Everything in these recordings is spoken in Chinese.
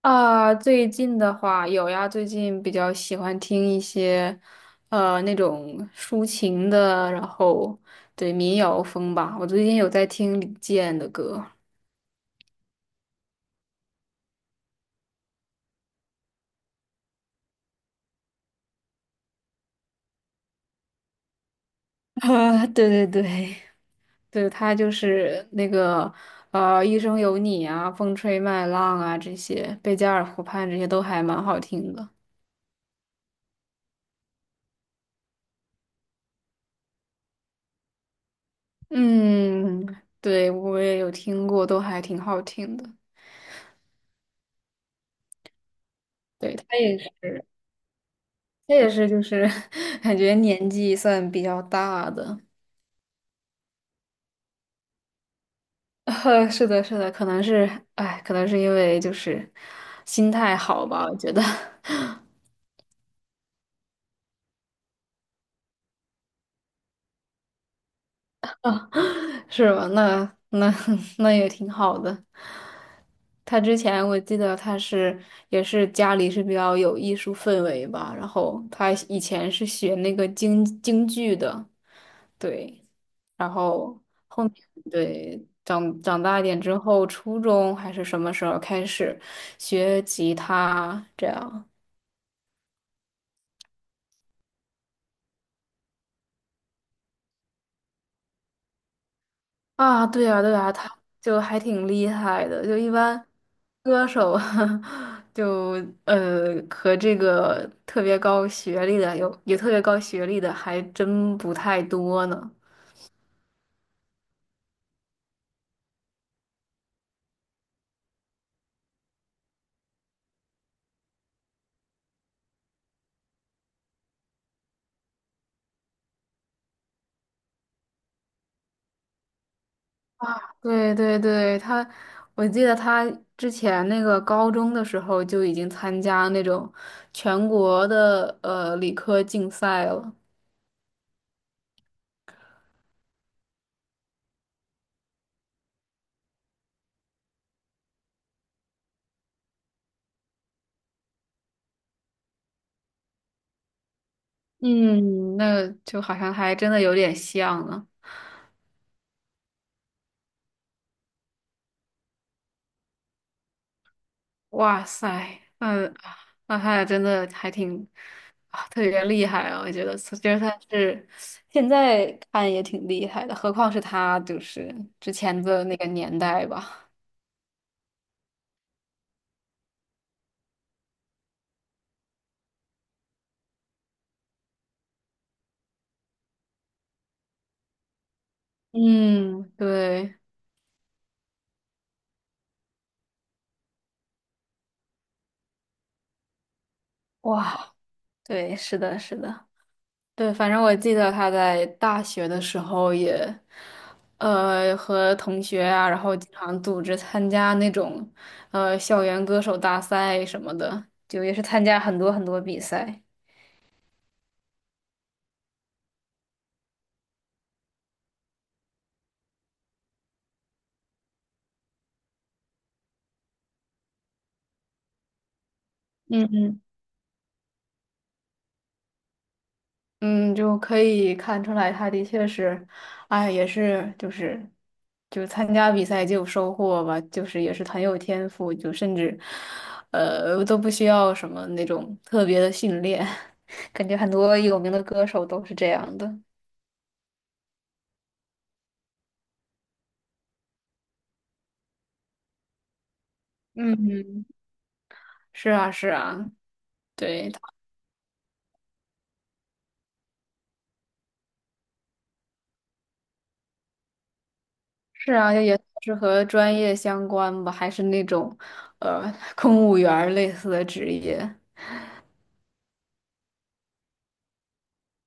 啊，最近的话有呀，最近比较喜欢听一些，那种抒情的，然后对民谣风吧。我最近有在听李健的歌，啊，对对对，对，他就是那个，《一生有你》啊，《风吹麦浪》啊，这些《贝加尔湖畔》这些都还蛮好听的。嗯，对，我也有听过，都还挺好听的。对。他也是。这也是就是 感觉年纪算比较大的，是的，是的，可能是，哎，可能是因为就是心态好吧，我觉得 是吧？那 那也挺好的。他之前我记得他是也是家里是比较有艺术氛围吧，然后他以前是学那个京剧的，对，然后。对，长大一点之后，初中还是什么时候开始学吉他这样啊？对啊，对啊，他 就还挺厉害的，就一般歌手 就和这个特别高学历的有特别高学历的还真不太多呢。对对对，我记得他之前那个高中的时候就已经参加那种全国的理科竞赛了。嗯，那就好像还真的有点像呢。哇塞，嗯，那他俩真的还挺啊，特别厉害啊！我觉得，其实他是现在看也挺厉害的，何况是他就是之前的那个年代吧。嗯，对，哇，对，是的，是的。对，反正我记得他在大学的时候也，和同学啊，然后经常组织参加那种，校园歌手大赛什么的，就也是参加很多很多比赛。嗯嗯嗯，就可以看出来，他的确是，哎，也是就是，就参加比赛就有收获吧，就是也是很有天赋，就甚至，都不需要什么那种特别的训练，感觉很多有名的歌手都是这样的。嗯，是啊，是啊，对，是啊，也算是和专业相关吧，还是那种，呃，公务员儿类似的职业。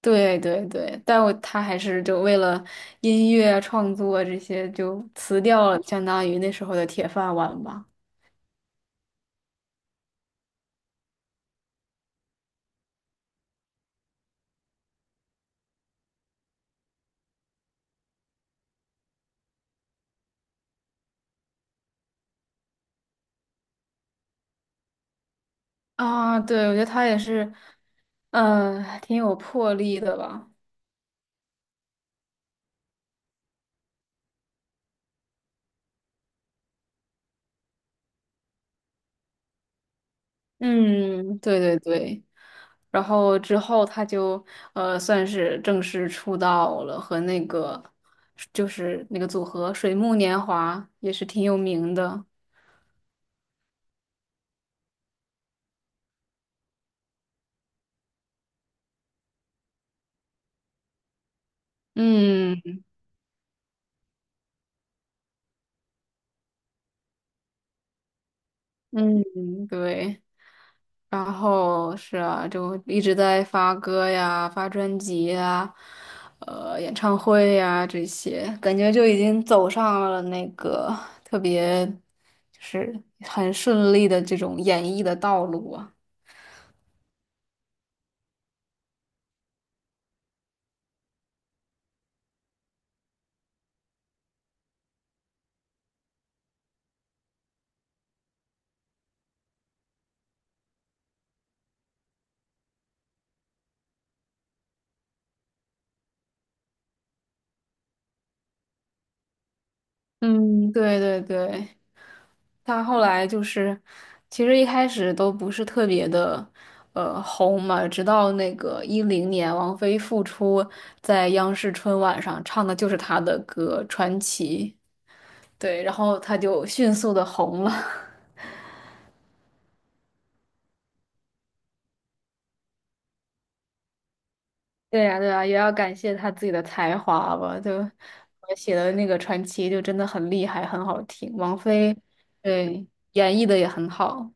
对对对，但他还是就为了音乐啊创作啊这些就辞掉了，相当于那时候的铁饭碗吧。啊，对，我觉得他也是，嗯、挺有魄力的吧。嗯，对对对。然后之后他就算是正式出道了，和那个就是那个组合水木年华也是挺有名的。嗯嗯，对。然后是啊，就一直在发歌呀、发专辑呀、演唱会呀这些，感觉就已经走上了那个特别就是很顺利的这种演艺的道路啊。嗯，对对对。他后来就是，其实一开始都不是特别的，红嘛。直到那个10年，王菲复出，在央视春晚上唱的就是他的歌《传奇》，对，然后他就迅速的红了。对呀，对呀，也要感谢他自己的才华吧。就我写的那个《传奇》就真的很厉害，很好听。王菲，对，演绎的也很好。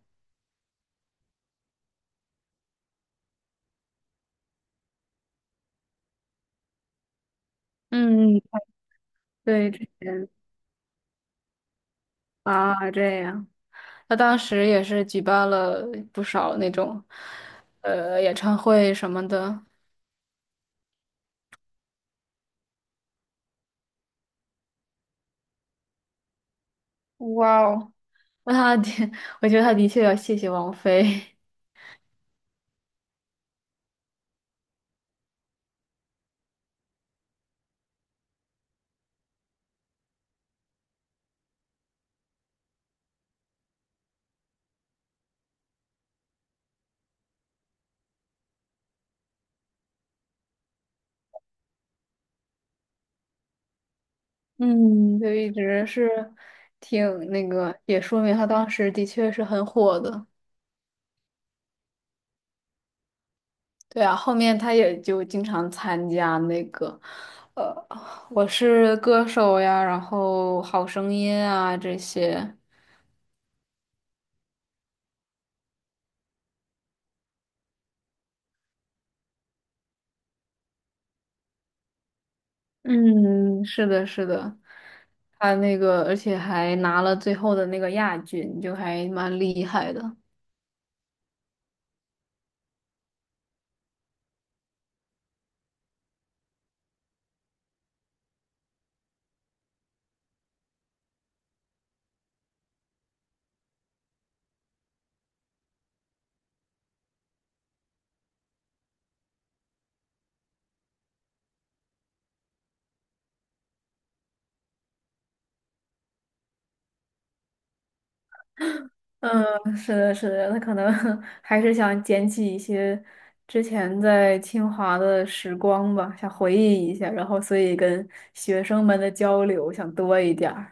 嗯，对，之前啊，这样。他当时也是举办了不少那种，演唱会什么的。哇哦，那他的，我觉得他的确要谢谢王菲 嗯，就一直是挺那个，也说明他当时的确是很火的。对啊，后面他也就经常参加那个，呃，《我是歌手》呀，然后《好声音》啊这些。嗯，是的，是的，他那个，而且还拿了最后的那个亚军，就还蛮厉害的。嗯，是的，是的，他可能 还是想捡起一些之前在清华的时光吧，想回忆一下，然后所以跟学生们的交流想多一点儿。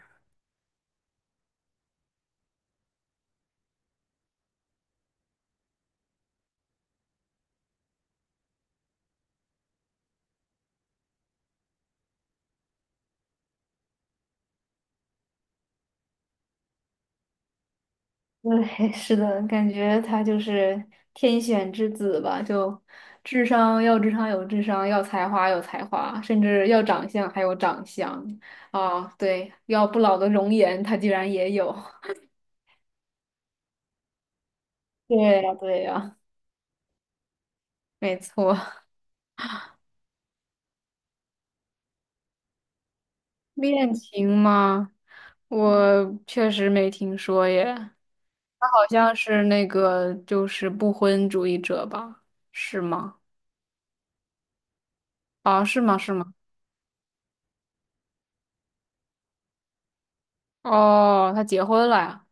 对，是的，感觉他就是天选之子吧，就智商要智商有智商，要才华有才华，甚至要长相还有长相啊，对，要不老的容颜他居然也有。对呀，对呀，没错。恋情吗？我确实没听说耶，他好像是那个就是不婚主义者吧？是吗？啊，是吗？是吗？哦，他结婚了呀？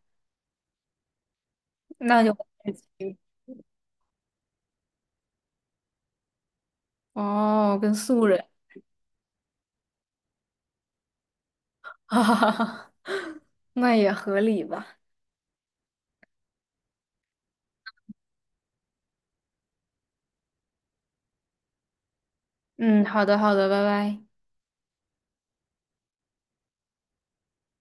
那就。哦，跟素人，哈哈哈那也合理吧。嗯，好的，好的，拜拜。